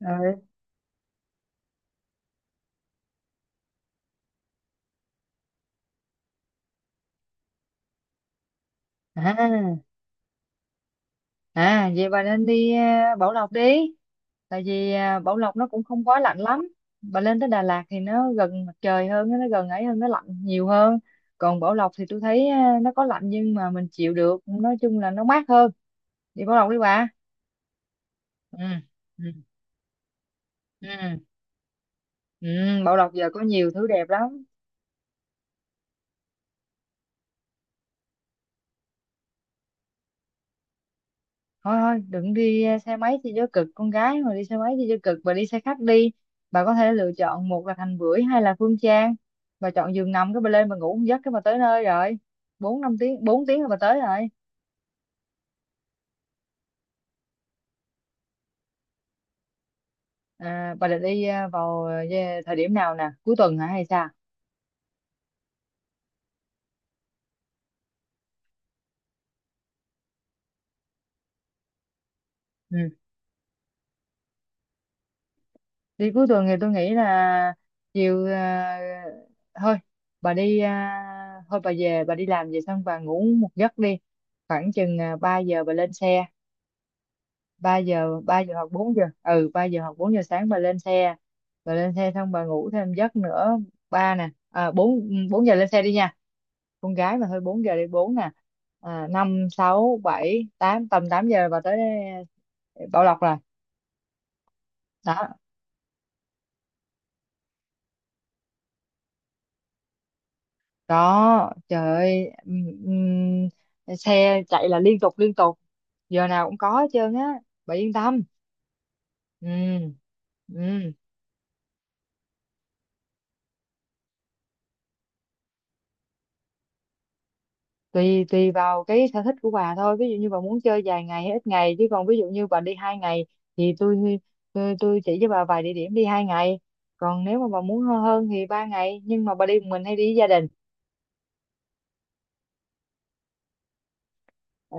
ừ. à Vậy bà nên đi Bảo Lộc đi, tại vì Bảo Lộc nó cũng không quá lạnh lắm. Bà lên tới Đà Lạt thì nó gần mặt trời hơn, nó gần ấy hơn, nó lạnh nhiều hơn. Còn Bảo Lộc thì tôi thấy nó có lạnh nhưng mà mình chịu được, nói chung là nó mát hơn. Đi Bảo Lộc đi bà. Ừ ừ ừ, ừ. Bảo Lộc giờ có nhiều thứ đẹp lắm. Thôi thôi đừng đi, xe máy thì cho cực, con gái mà đi xe máy thì cho cực, bà đi xe khách đi. Bà có thể lựa chọn một là Thành Bưởi hay là Phương Trang. Bà chọn giường nằm cái bà lên bà ngủ một giấc cái bà tới nơi rồi. Bốn năm tiếng, bốn tiếng là bà tới rồi. Bà định đi vào thời điểm nào nè, cuối tuần hả hay sao? Ừ. Đi cuối tuần thì tôi nghĩ là chiều thôi bà đi thôi bà về bà đi làm về xong bà ngủ một giấc đi, khoảng chừng 3 giờ bà lên xe. Ba giờ, ba giờ hoặc bốn giờ, ừ, ba giờ hoặc bốn giờ sáng bà lên xe. Bà lên xe xong bà ngủ thêm giấc nữa. Ba nè, bốn, bốn giờ lên xe đi nha, con gái mà, thôi bốn giờ đi, bốn nè. Năm sáu bảy tám, tầm tám giờ bà tới Bảo Lộc rồi. Đó. Đó, trời ơi, xe chạy là liên tục, liên tục, giờ nào cũng có hết trơn á, bà yên tâm. Ừ ừ Tùy, tùy vào cái sở thích của bà thôi, ví dụ như bà muốn chơi vài ngày hay ít ngày, chứ còn ví dụ như bà đi hai ngày thì tôi chỉ cho bà vài địa điểm đi hai ngày. Còn nếu mà bà muốn hơn, thì ba ngày. Nhưng mà bà đi một mình hay đi với gia đình? Ờ,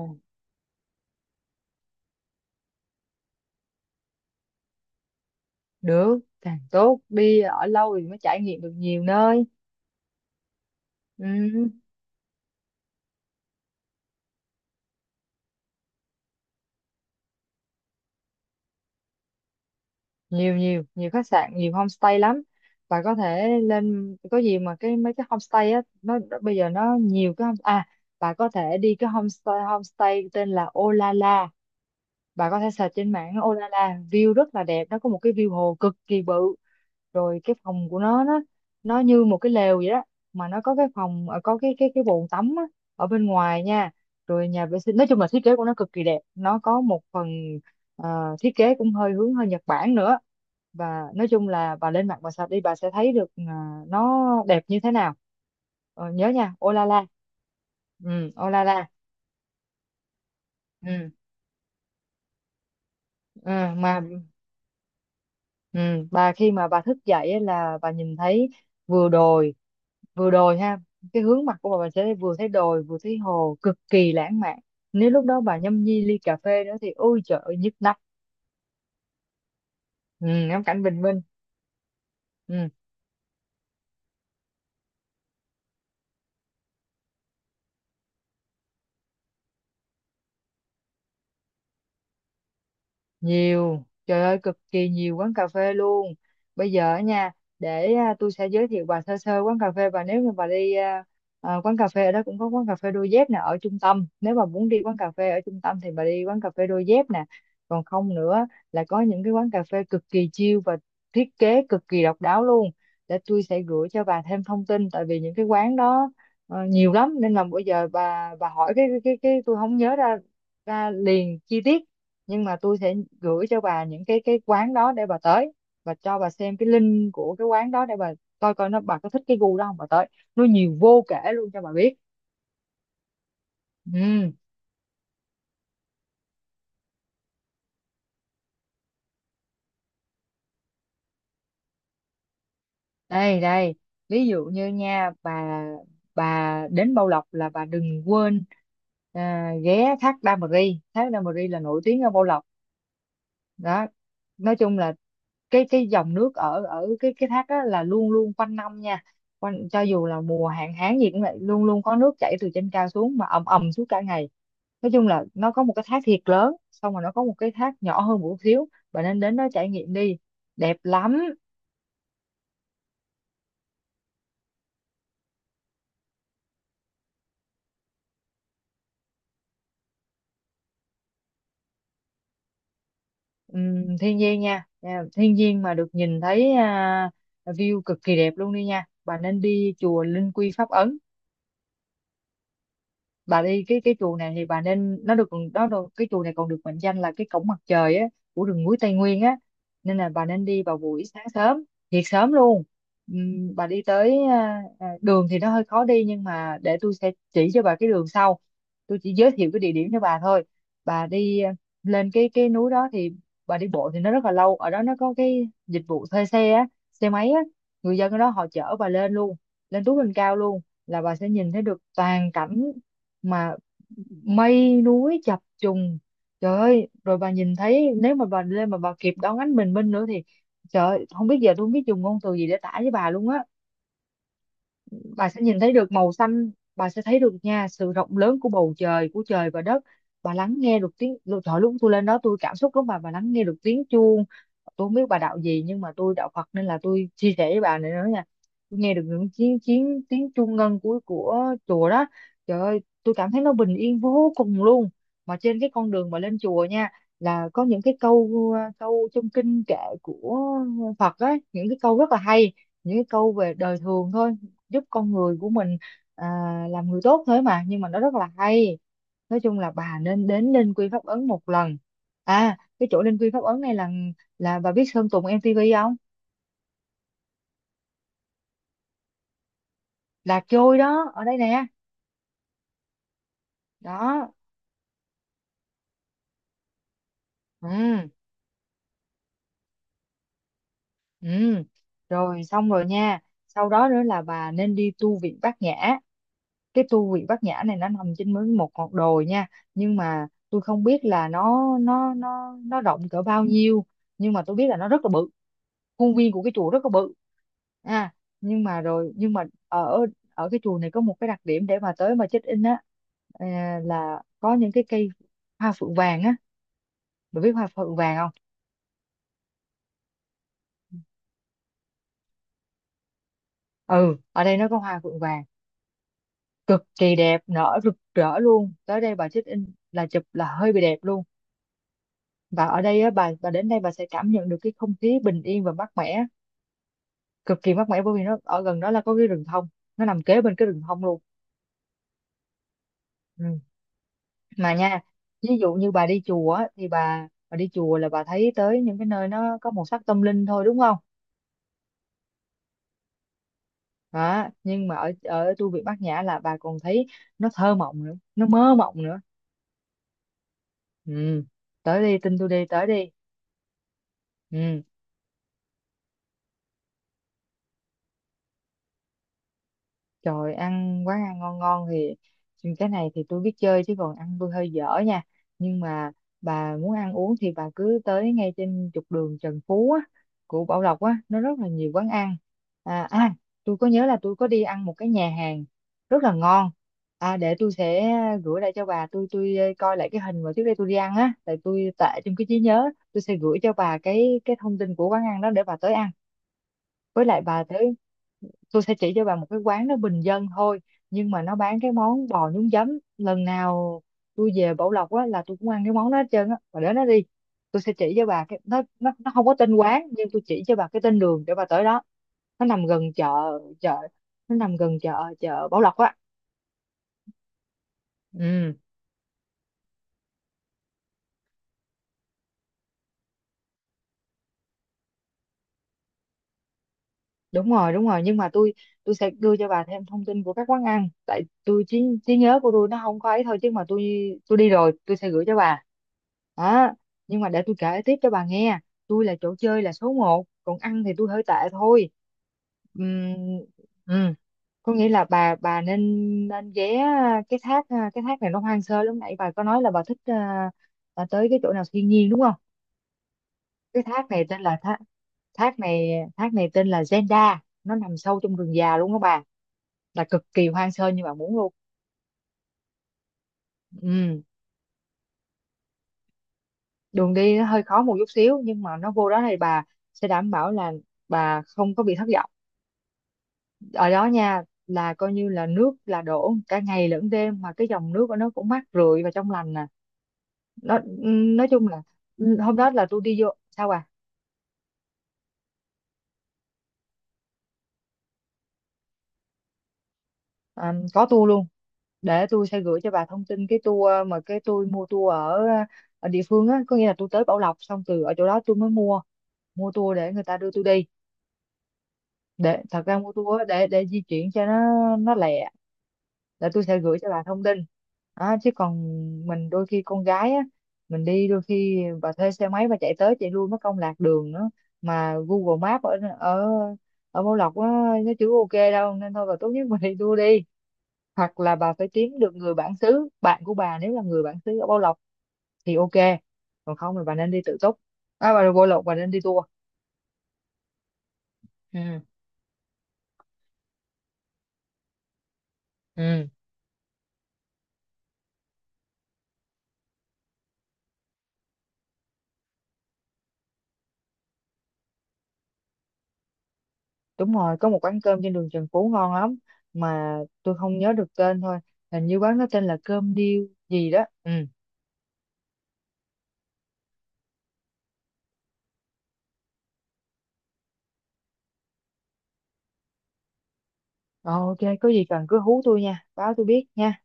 được càng tốt, đi ở lâu thì mới trải nghiệm được nhiều nơi. Ừ, nhiều, nhiều khách sạn, nhiều homestay lắm. Bà có thể lên có gì mà mấy cái homestay á, nó bây giờ nó nhiều cái homestay à. Bà có thể đi cái homestay homestay tên là Olala. Bà có thể search trên mạng Olala, view rất là đẹp, nó có một cái view hồ cực kỳ bự. Rồi cái phòng của nó, nó như một cái lều vậy đó. Mà nó có cái phòng có cái bồn tắm á, ở bên ngoài nha, rồi nhà vệ sinh. Nói chung là thiết kế của nó cực kỳ đẹp, nó có một phần thiết kế cũng hơi hướng, hơi Nhật Bản nữa. Và nói chung là bà lên mạng bà search đi, bà sẽ thấy được nó đẹp như thế nào. Ờ, nhớ nha, Olala. Ừ, Olala. Ừ, ừ mà Ừ, bà khi mà bà thức dậy á là bà nhìn thấy vừa đồi vừa đồi ha, cái hướng mặt của bà sẽ vừa thấy đồi vừa thấy hồ, cực kỳ lãng mạn. Nếu lúc đó bà nhâm nhi ly cà phê nữa thì ôi trời ơi, nhức nách. Ừ, ngắm cảnh bình minh. Ừ. Nhiều, trời ơi, cực kỳ nhiều quán cà phê luôn. Bây giờ á nha, để tôi sẽ giới thiệu bà sơ sơ quán cà phê. Bà nếu như bà đi quán cà phê ở đó, cũng có quán cà phê đôi dép nè ở trung tâm. Nếu bà muốn đi quán cà phê ở trung tâm thì bà đi quán cà phê đôi dép nè. Còn không nữa là có những cái quán cà phê cực kỳ chill và thiết kế cực kỳ độc đáo luôn. Để tôi sẽ gửi cho bà thêm thông tin, tại vì những cái quán đó nhiều lắm, nên là bây giờ bà hỏi cái tôi không nhớ ra, ra liền chi tiết. Nhưng mà tôi sẽ gửi cho bà những cái quán đó để bà tới, và cho bà xem cái link của cái quán đó để bà coi coi nó, bà có thích cái gu đó không, bà tới. Nó nhiều vô kể luôn, cho bà biết. Ừ. đây đây ví dụ như nha bà đến Bảo Lộc là bà đừng quên ghé thác Đa Mờ Ri. Thác Đa Mờ Ri là nổi tiếng ở Bảo Lộc đó. Nói chung là cái dòng nước ở ở cái thác đó là luôn luôn quanh năm nha, quanh cho dù là mùa hạn hán gì cũng vậy, luôn luôn có nước chảy từ trên cao xuống mà ầm ầm suốt cả ngày. Nói chung là nó có một cái thác thiệt lớn, xong rồi nó có một cái thác nhỏ hơn một chút xíu, bạn nên đến đó trải nghiệm đi, đẹp lắm. Thiên nhiên nha. Nha, thiên nhiên mà được nhìn thấy view cực kỳ đẹp luôn, đi nha, bà nên đi chùa Linh Quy Pháp Ấn. Bà đi cái chùa này thì bà nên, nó được đó, được, cái chùa này còn được mệnh danh là cái cổng mặt trời á, của rừng núi Tây Nguyên á. Nên là bà nên đi vào buổi sáng sớm, thiệt sớm luôn. Bà đi tới đường thì nó hơi khó đi, nhưng mà để tôi sẽ chỉ cho bà cái đường sau, tôi chỉ giới thiệu cái địa điểm cho bà thôi. Bà đi lên cái núi đó thì bà đi bộ thì nó rất là lâu. Ở đó nó có cái dịch vụ thuê xe á, xe máy á, người dân ở đó họ chở bà lên luôn, lên túi lên cao luôn, là bà sẽ nhìn thấy được toàn cảnh mà mây núi chập trùng. Trời ơi, rồi bà nhìn thấy, nếu mà bà lên mà bà kịp đón ánh bình minh nữa thì trời ơi, không biết giờ, tôi không biết dùng ngôn từ gì để tả với bà luôn á. Bà sẽ nhìn thấy được màu xanh, bà sẽ thấy được nha sự rộng lớn của bầu trời, của trời và đất. Bà lắng nghe được tiếng lúc trời, lúc tôi lên đó tôi cảm xúc lắm bà lắng nghe được tiếng chuông. Tôi không biết bà đạo gì nhưng mà tôi đạo Phật, nên là tôi chia sẻ với bà này nữa nha. Tôi nghe được những tiếng tiếng tiếng chuông ngân của chùa đó, trời ơi, tôi cảm thấy nó bình yên vô cùng luôn. Mà trên cái con đường mà lên chùa nha, là có những cái câu câu trong kinh kệ của Phật ấy, những cái câu rất là hay, những cái câu về đời thường thôi, giúp con người của mình à, làm người tốt thế mà, nhưng mà nó rất là hay. Nói chung là bà nên đến Linh Quy Pháp Ấn một lần. À cái chỗ Linh Quy Pháp Ấn này là bà biết Sơn Tùng MTV không? Là trôi đó ở đây nè. Đó. Ừ. Ừ, rồi xong rồi nha. Sau đó nữa là bà nên đi tu viện Bát Nhã. Cái tu viện Bát Nhã này nó nằm trên mới một ngọn đồi nha, nhưng mà tôi không biết là nó rộng cỡ bao nhiêu, nhưng mà tôi biết là nó rất là bự, khuôn viên của cái chùa rất là bự. À, nhưng mà ở ở cái chùa này có một cái đặc điểm để mà tới mà check in á, là có những cái cây hoa phượng vàng á. Bà biết hoa phượng vàng không? Ừ, ở đây nó có hoa phượng vàng cực kỳ đẹp, nở rực rỡ luôn, tới đây bà check in là chụp là hơi bị đẹp luôn. Và ở đây á, bà đến đây bà sẽ cảm nhận được cái không khí bình yên và mát mẻ, cực kỳ mát mẻ, bởi vì nó ở gần đó là có cái rừng thông, nó nằm kế bên cái rừng thông luôn. Ừ. Mà nha, ví dụ như bà đi chùa á, thì bà đi chùa là bà thấy tới những cái nơi nó có màu sắc tâm linh thôi đúng không? Đó, nhưng mà ở ở tu viện Bát Nhã là bà còn thấy nó thơ mộng nữa, nó mơ mộng nữa. Ừ. Tới đi, tin tôi đi, tới đi. Ừ. Trời, ăn quán ăn ngon ngon thì cái này thì tôi biết chơi chứ còn ăn tôi hơi dở nha. Nhưng mà bà muốn ăn uống thì bà cứ tới ngay trên trục đường Trần Phú á, của Bảo Lộc á, nó rất là nhiều quán ăn. À, à tôi có nhớ là tôi có đi ăn một cái nhà hàng rất là ngon. À, để tôi sẽ gửi lại cho bà, tôi coi lại cái hình mà trước đây tôi đi ăn á, tại tôi tệ trong cái trí nhớ, tôi sẽ gửi cho bà cái thông tin của quán ăn đó để bà tới ăn. Với lại bà tới, tôi sẽ chỉ cho bà một cái quán nó bình dân thôi nhưng mà nó bán cái món bò nhúng giấm. Lần nào tôi về Bảo Lộc á là tôi cũng ăn cái món đó hết trơn á. Bà đến đó đi, tôi sẽ chỉ cho bà cái, nó không có tên quán nhưng tôi chỉ cho bà cái tên đường để bà tới đó. Nó nằm gần chợ, chợ nó nằm gần chợ, chợ Bảo Lộc á. Ừ, đúng rồi, nhưng mà tôi sẽ đưa cho bà thêm thông tin của các quán ăn, tại tôi trí trí nhớ của tôi nó không có ấy thôi, chứ mà tôi đi rồi tôi sẽ gửi cho bà. Đó, nhưng mà để tôi kể tiếp cho bà nghe. Tôi là chỗ chơi là số một, còn ăn thì tôi hơi tệ thôi. Ừm, ừm, có nghĩa là bà nên, nên ghé cái thác. Cái thác này nó hoang sơ lắm. Nãy bà có nói là bà thích tới cái chỗ nào thiên nhiên đúng không. Cái thác này tên là thác thác này thác này tên là Zenda. Nó nằm sâu trong rừng già luôn các bạn, là cực kỳ hoang sơ như bạn muốn luôn. Ừ, đường đi nó hơi khó một chút xíu, nhưng mà nó vô đó thì bà sẽ đảm bảo là bà không có bị thất vọng ở đó nha. Là coi như là nước là đổ cả ngày lẫn đêm, mà cái dòng nước của nó cũng mát rượi và trong lành nè. Nó nói chung là, ừ, hôm đó là tôi đi vô sao à, à, có tour luôn, để tôi sẽ gửi cho bà thông tin cái tour. Mà cái tôi mua tour ở, ở địa phương á, có nghĩa là tôi tới Bảo Lộc xong từ ở chỗ đó tôi mới mua mua tour để người ta đưa tôi đi. Để thật ra mua tour á, để di chuyển cho nó lẹ. Để tôi sẽ gửi cho bà thông tin đó, chứ còn mình đôi khi con gái á, mình đi đôi khi bà thuê xe máy bà chạy tới chạy lui mất công lạc đường nữa. Mà Google Maps ở ở ở Bảo Lộc á, nó chưa ok đâu, nên thôi bà tốt nhất mình đi tour đi. Hoặc là bà phải kiếm được người bản xứ, bạn của bà nếu là người bản xứ ở Bảo Lộc thì ok, còn không thì bà nên đi tự túc. À, bà đi Bảo Lộc bà nên đi tour. Ừ. Ừ, đúng rồi, có một quán cơm trên đường Trần Phú ngon lắm, mà tôi không nhớ được tên thôi. Hình như quán nó tên là cơm điêu gì đó. Ừ. Ờ, ok, có gì cần cứ hú tôi nha, báo tôi biết nha.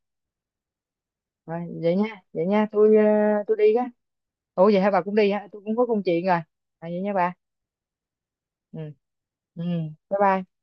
Rồi, vậy nha, tôi tôi đi á. Ủa vậy hả, bà cũng đi hả, tôi cũng có công chuyện rồi. À, vậy nha bà. Ừ. Ừ, bye bye.